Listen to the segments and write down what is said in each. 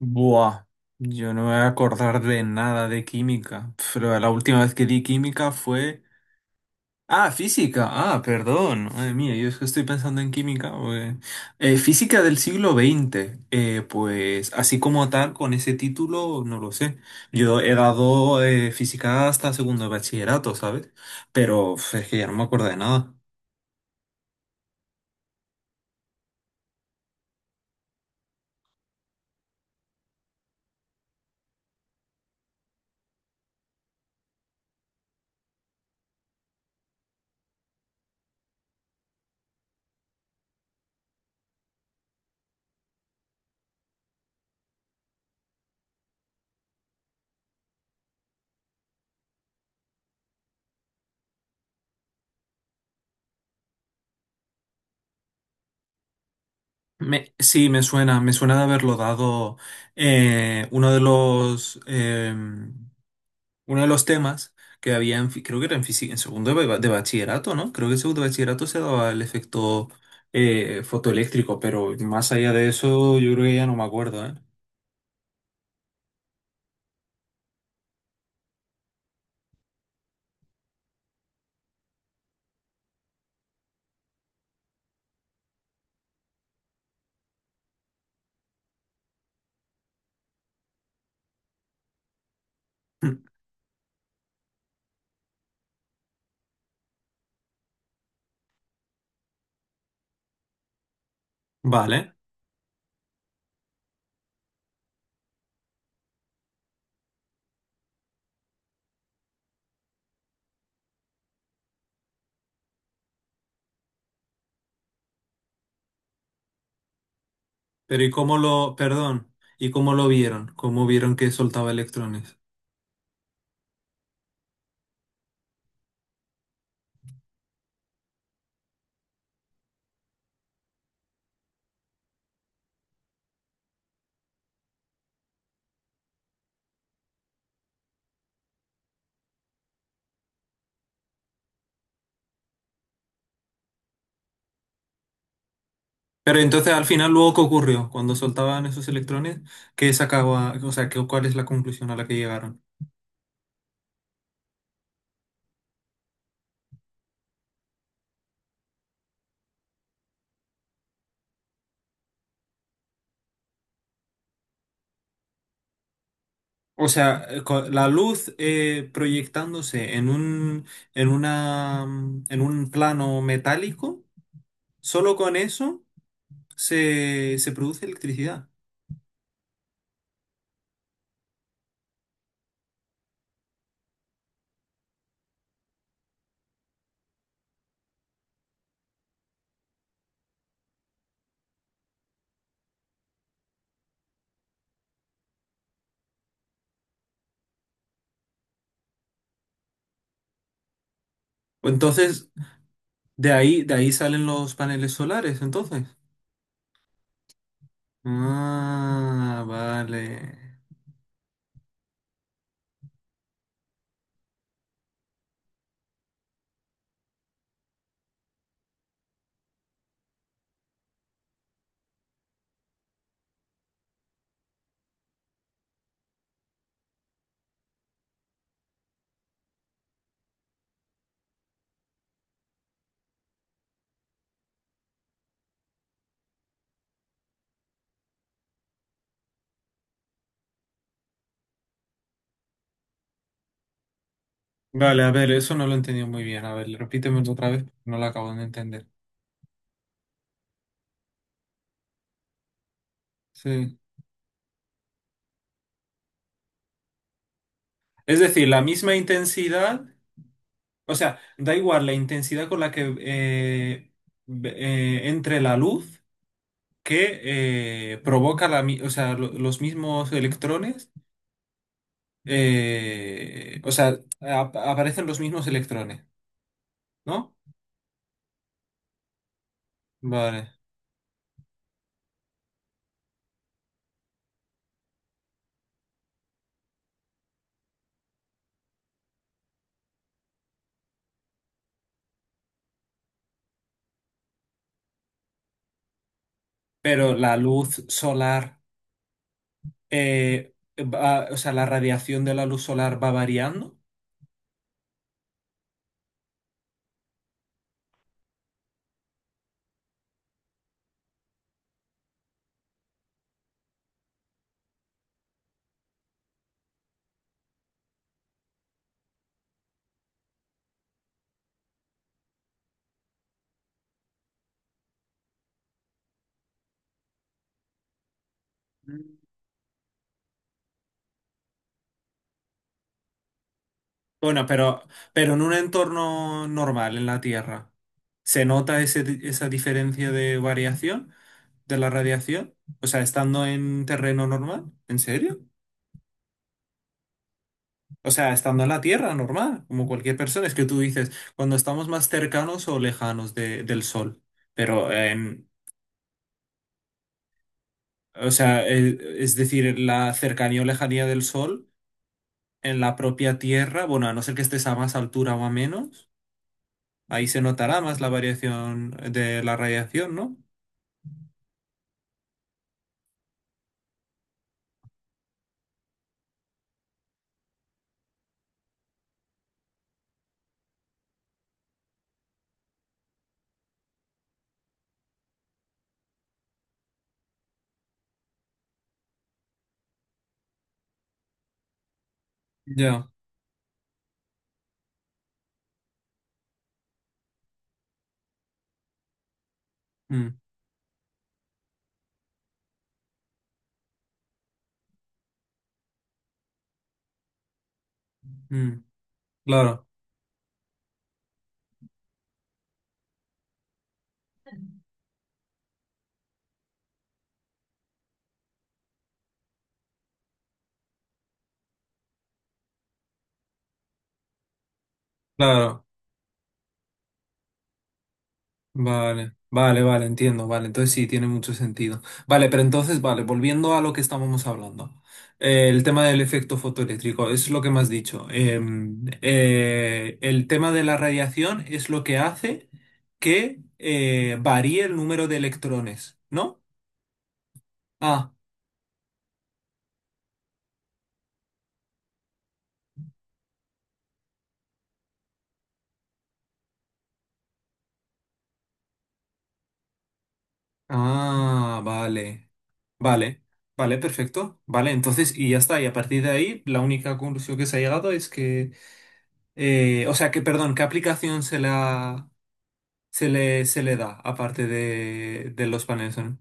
Buah, yo no me voy a acordar de nada de química. Pero la última vez que di química fue... Ah, física. Ah, perdón. Madre mía, yo es que estoy pensando en química, física del siglo XX. Pues así como tal, con ese título, no lo sé. Yo he dado física hasta segundo de bachillerato, ¿sabes? Pero uf, es que ya no me acuerdo de nada. Sí, me suena de haberlo dado uno de los... uno de los temas que había, creo que era en segundo de bachillerato, ¿no? Creo que en segundo de bachillerato se daba el efecto fotoeléctrico, pero más allá de eso, yo creo que ya no me acuerdo, ¿eh? Vale, pero ¿y cómo lo, perdón, ¿y cómo lo vieron? ¿Cómo vieron que soltaba electrones? Pero entonces al final luego, ¿qué ocurrió? Cuando soltaban esos electrones, ¿qué sacaba, o sea, qué, cuál es la conclusión a la que llegaron? O sea, la luz proyectándose en un, en una, en un plano metálico, solo con eso se produce electricidad. O Entonces, de ahí salen los paneles solares, entonces. Ah, vale. Vale, a ver, eso no lo he entendido muy bien. A ver, repítemelo otra vez, no lo acabo de entender. Sí. Es decir, la misma intensidad. O sea, da igual la intensidad con la que entre la luz que provoca o sea, los mismos electrones, o sea, aparecen los mismos electrones, ¿no? Vale. Pero la luz solar, o sea, la radiación de la luz solar va variando. Bueno, pero en un entorno normal, en la Tierra, ¿se nota ese esa diferencia de variación? ¿De la radiación? O sea, estando en terreno normal, ¿en serio? O sea, estando en la Tierra normal, como cualquier persona. Es que tú dices, cuando estamos más cercanos o lejanos del Sol. Pero, en, o sea, es decir, la cercanía o lejanía del Sol en la propia Tierra, bueno, a no ser que estés a más altura o a menos, ahí se notará más la variación de la radiación, ¿no? Ya. Mm, mm. Claro, claro. Vale, vale, vale, entiendo, vale, entonces sí, tiene mucho sentido. Vale, pero entonces, vale, volviendo a lo que estábamos hablando, el tema del efecto fotoeléctrico, es lo que me has dicho. El tema de la radiación es lo que hace que varíe el número de electrones, ¿no? Ah, ah, vale, vale, vale, perfecto, vale, entonces, y ya está, y a partir de ahí, la única conclusión que se ha llegado es que... o sea, que, perdón, ¿qué aplicación se le da, aparte de los paneles, ¿no?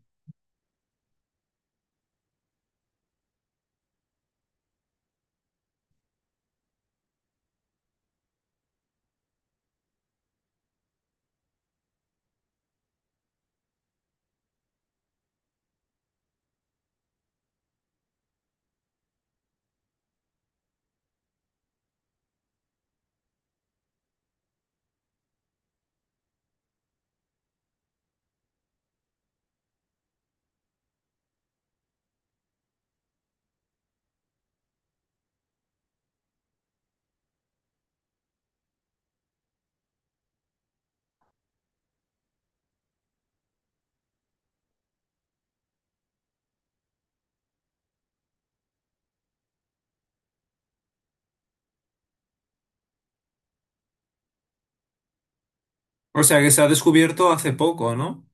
O sea, que se ha descubierto hace poco, ¿no?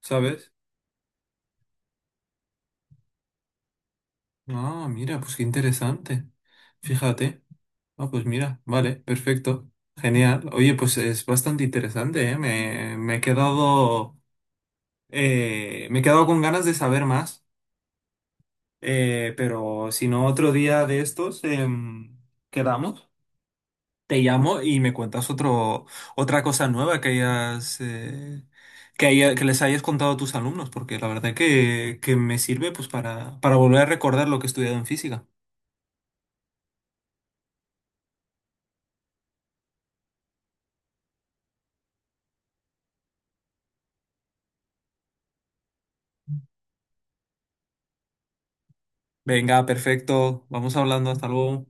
¿Sabes? Ah, mira, pues qué interesante. Fíjate. Ah, pues mira, vale, perfecto. Genial. Oye, pues es bastante interesante, ¿eh? Me, me he quedado con ganas de saber más. Pero si no, otro día de estos, quedamos. Te llamo y me cuentas otro, otra cosa nueva que hayas, que les hayas contado a tus alumnos, porque la verdad que me sirve pues para volver a recordar lo que he estudiado en física. Venga, perfecto. Vamos hablando. Hasta luego.